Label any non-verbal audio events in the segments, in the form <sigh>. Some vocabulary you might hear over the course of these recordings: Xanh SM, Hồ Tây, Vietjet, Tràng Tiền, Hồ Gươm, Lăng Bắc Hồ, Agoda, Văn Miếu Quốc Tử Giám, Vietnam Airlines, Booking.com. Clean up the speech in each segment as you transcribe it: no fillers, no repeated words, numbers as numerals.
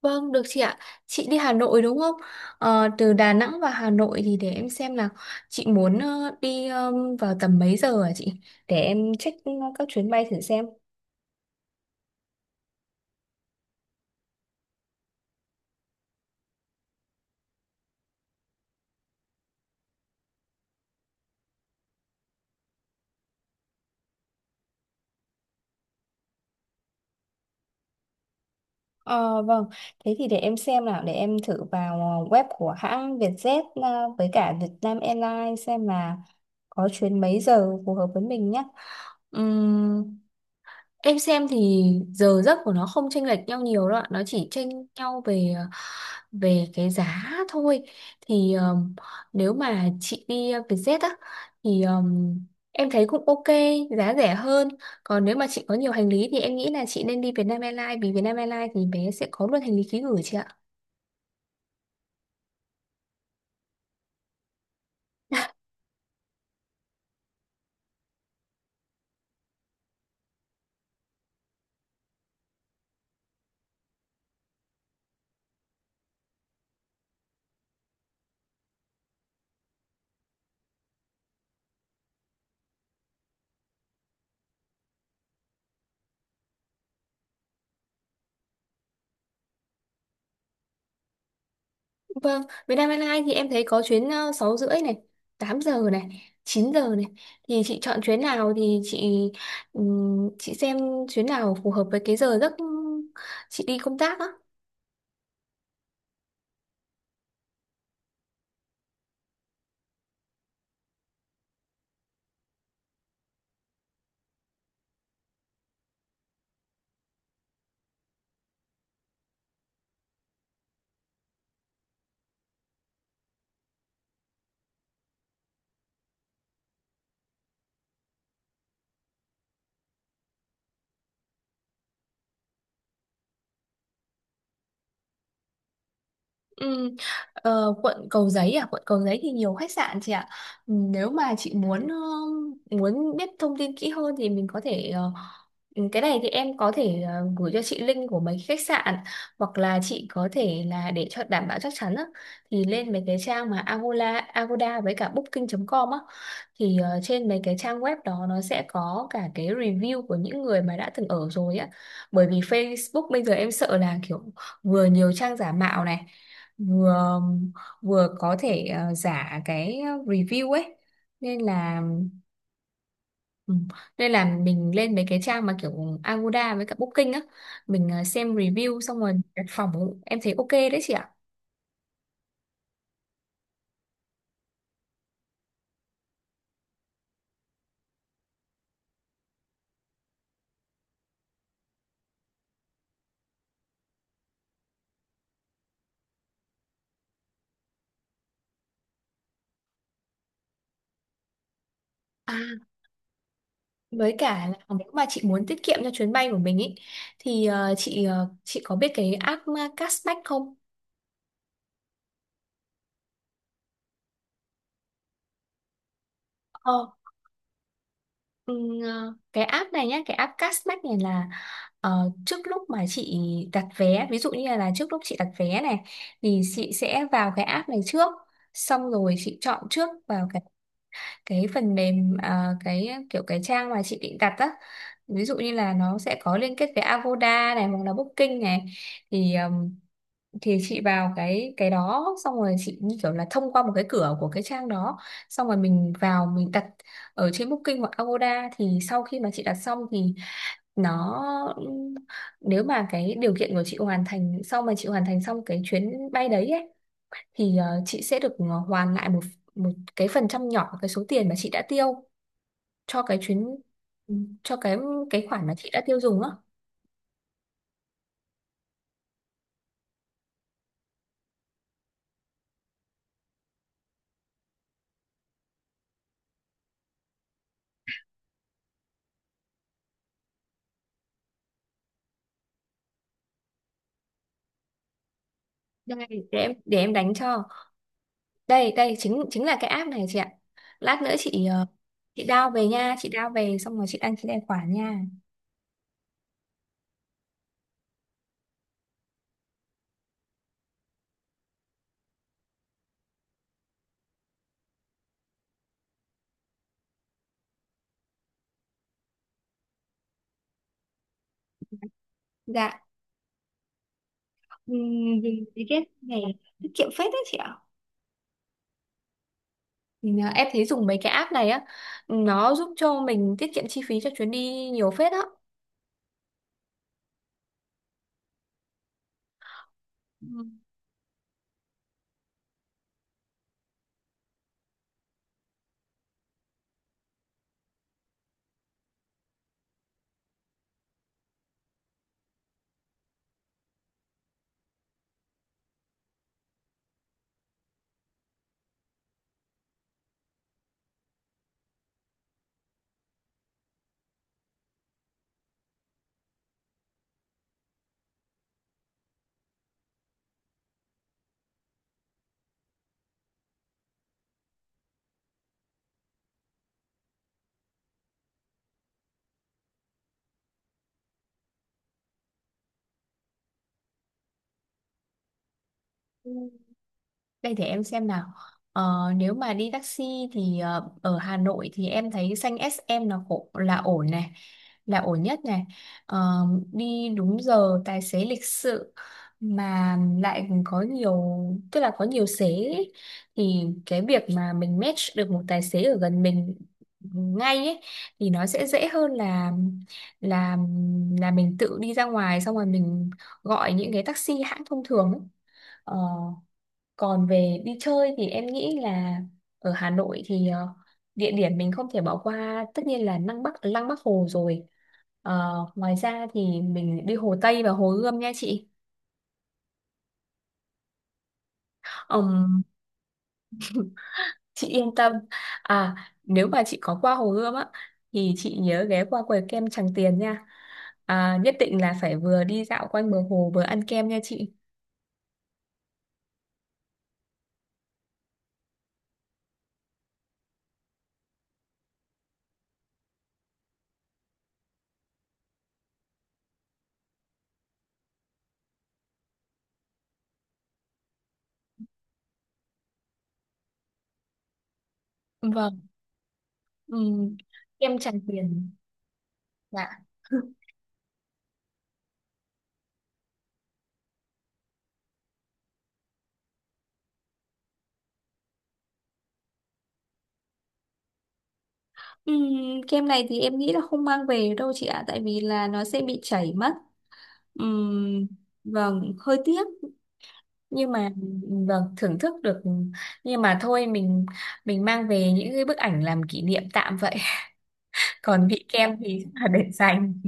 Vâng, được chị ạ. Chị đi Hà Nội đúng không? Từ Đà Nẵng vào Hà Nội thì để em xem là chị muốn đi, vào tầm mấy giờ hả chị? Để em check, các chuyến bay thử xem. Ờ, vâng, thế thì để em xem nào. Để em thử vào web của hãng Vietjet, với cả Vietnam Airlines xem là có chuyến mấy giờ phù hợp với mình nhé. Ừm, em xem thì giờ giấc của nó không chênh lệch nhau nhiều đâu ạ. Nó chỉ chênh nhau về về cái giá thôi. Thì nếu mà chị đi Vietjet á thì em thấy cũng ok, giá rẻ hơn. Còn nếu mà chị có nhiều hành lý thì em nghĩ là chị nên đi Vietnam Airlines, vì Vietnam Airlines thì bé sẽ có luôn hành lý ký gửi chị ạ. <laughs> Vâng, Vietnam Airlines thì em thấy có chuyến 6 rưỡi này, 8 giờ này, 9 giờ này, thì chị chọn chuyến nào thì chị xem chuyến nào phù hợp với cái giờ giấc chị đi công tác á. Ừ, quận Cầu Giấy à, quận Cầu Giấy thì nhiều khách sạn chị ạ. Ừ, nếu mà chị muốn muốn biết thông tin kỹ hơn thì mình có thể, cái này thì em có thể gửi cho chị link của mấy khách sạn, hoặc là chị có thể là để cho đảm bảo chắc chắn á, thì lên mấy cái trang mà Agoda Agoda với cả Booking.com á, thì trên mấy cái trang web đó nó sẽ có cả cái review của những người mà đã từng ở rồi á. Bởi vì Facebook bây giờ em sợ là kiểu vừa nhiều trang giả mạo này, vừa vừa có thể giả cái review ấy, nên là, ừ, nên là mình lên mấy cái trang mà kiểu Agoda với cả Booking á, mình xem review xong rồi đặt phòng em thấy ok đấy chị ạ. À, với cả là nếu mà chị muốn tiết kiệm cho chuyến bay của mình ý thì chị, chị có biết cái app cashback không? Ừ, cái app này nhé, cái app Cashback này là trước lúc mà chị đặt vé, ví dụ như là trước lúc chị đặt vé này thì chị sẽ vào cái app này trước, xong rồi chị chọn trước vào cái phần mềm, cái kiểu cái trang mà chị định đặt á, ví dụ như là nó sẽ có liên kết với Agoda này hoặc là Booking này, thì chị vào cái đó xong rồi chị như kiểu là thông qua một cái cửa của cái trang đó, xong rồi mình vào mình đặt ở trên Booking hoặc Agoda, thì sau khi mà chị đặt xong thì nó, nếu mà cái điều kiện của chị hoàn thành, sau mà chị hoàn thành xong cái chuyến bay đấy ấy, thì chị sẽ được hoàn lại một một cái phần trăm nhỏ cái số tiền mà chị đã tiêu cho cái chuyến, cho cái khoản mà chị đã tiêu dùng á. Đây. Để em đánh cho, đây đây chính chính là cái app này chị ạ. Lát nữa chị, chị down về nha, chị down về xong rồi chị đăng ký tài khoản nha. Dạ. Ừm, vì vì cái này tiết kiệm phết đấy chị ạ. Mình, em thấy dùng mấy cái app này á, nó giúp cho mình tiết kiệm chi phí cho chuyến đi nhiều phết á. Ừ. Đây để em xem nào. Ờ, nếu mà đi taxi thì ở Hà Nội thì em thấy xanh SM là khổ, là ổn này, là ổn nhất này. Ờ, đi đúng giờ, tài xế lịch sự, mà lại có nhiều, tức là có nhiều xế ấy. Thì cái việc mà mình match được một tài xế ở gần mình ngay ấy thì nó sẽ dễ hơn là là là mình tự đi ra ngoài xong rồi mình gọi những cái taxi hãng thông thường ấy. Ờ, còn về đi chơi thì em nghĩ là ở Hà Nội thì địa điểm mình không thể bỏ qua tất nhiên là Lăng Bắc Hồ rồi. Ờ, ngoài ra thì mình đi Hồ Tây và Hồ Gươm nha chị. Ừm, chị yên tâm. À, nếu mà chị có qua Hồ Gươm á thì chị nhớ ghé qua quầy kem Tràng Tiền nha. À, nhất định là phải vừa đi dạo quanh bờ hồ vừa ăn kem nha chị. Vâng. Ừm, kem Tràng Tiền. Dạ. Kem này thì em nghĩ là không mang về được đâu chị ạ, tại vì là nó sẽ bị chảy mất. Ừm, vâng, hơi tiếc, nhưng mà vâng, thưởng thức được, nhưng mà thôi mình mang về những cái bức ảnh làm kỷ niệm tạm vậy. <laughs> Còn vị kem thì <laughs> chắc là để dành.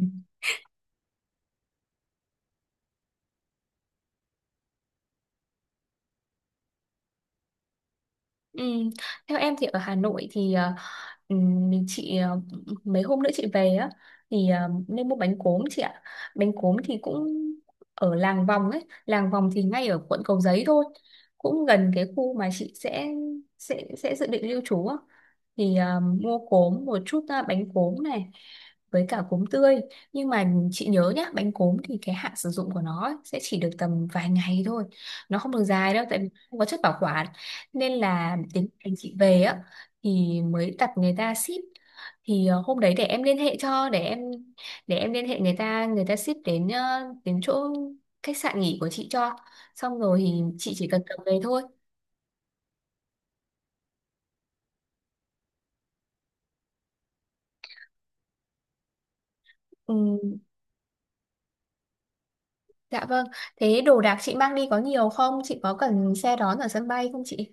Ừm, Theo em thì ở Hà Nội thì mình chị, mấy hôm nữa chị về á thì nên mua bánh cốm chị ạ. Bánh cốm thì cũng ở làng vòng ấy, làng vòng thì ngay ở quận Cầu Giấy thôi, cũng gần cái khu mà chị sẽ sẽ dự định lưu trú á, thì mua cốm một chút, bánh cốm này với cả cốm tươi. Nhưng mà chị nhớ nhá, bánh cốm thì cái hạn sử dụng của nó ấy, sẽ chỉ được tầm vài ngày thôi, nó không được dài đâu tại vì không có chất bảo quản. Nên là đến ngày chị về á thì mới đặt người ta ship, thì hôm đấy để em liên hệ cho, để em liên hệ người ta, người ta ship đến, đến chỗ khách sạn nghỉ của chị cho, xong rồi thì chị chỉ cần cầm về thôi. Ừ, dạ vâng. Thế đồ đạc chị mang đi có nhiều không chị, có cần xe đón ở sân bay không chị?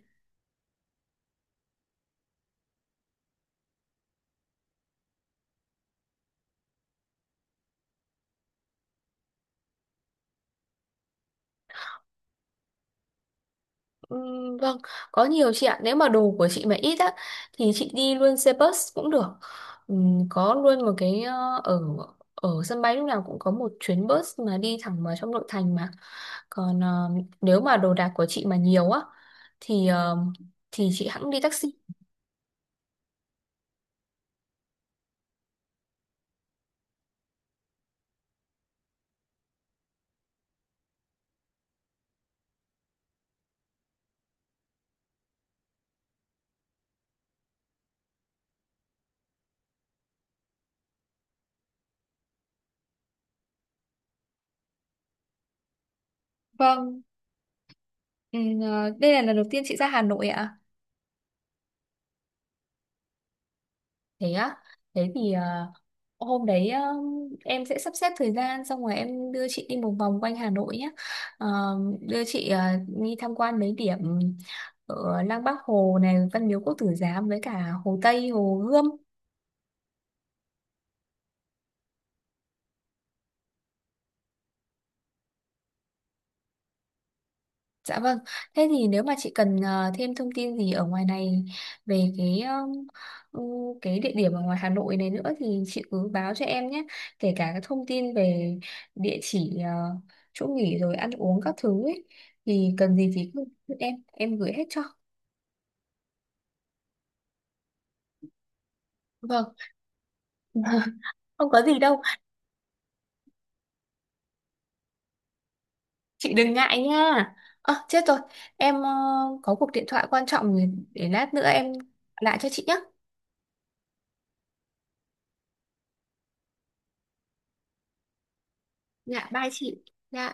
ừ, vâng, có nhiều chị ạ. Nếu mà đồ của chị mà ít á thì chị đi luôn xe bus cũng được. Ừ, có luôn một cái, ở ở sân bay lúc nào cũng có một chuyến bus mà đi thẳng vào trong nội thành mà. Còn nếu mà đồ đạc của chị mà nhiều á thì thì chị hẵng đi taxi. Vâng, ừ, ờ, đây là lần đầu tiên chị ra Hà Nội ạ. Thế á, thế thì hôm đấy em sẽ sắp xếp thời gian xong rồi em đưa chị đi một vòng quanh Hà Nội nhé. Ờ, đưa chị đi tham quan mấy điểm ở Lăng Bác Hồ này, Văn Miếu Quốc Tử Giám với cả Hồ Tây, Hồ Gươm. Dạ vâng, thế thì nếu mà chị cần thêm thông tin gì ở ngoài này về cái ừ, cái địa điểm ở ngoài Hà Nội này nữa thì chị cứ báo cho em nhé, kể cả các thông tin về địa chỉ, chỗ nghỉ rồi ăn uống các thứ ấy, thì cần gì thì cứ cứ em gửi hết cho. Vâng, <laughs> không có gì đâu, chị đừng ngại nha. Ờ chết rồi, em có cuộc điện thoại quan trọng, để lát nữa em gọi lại cho chị nhé. Dạ bye chị. Dạ.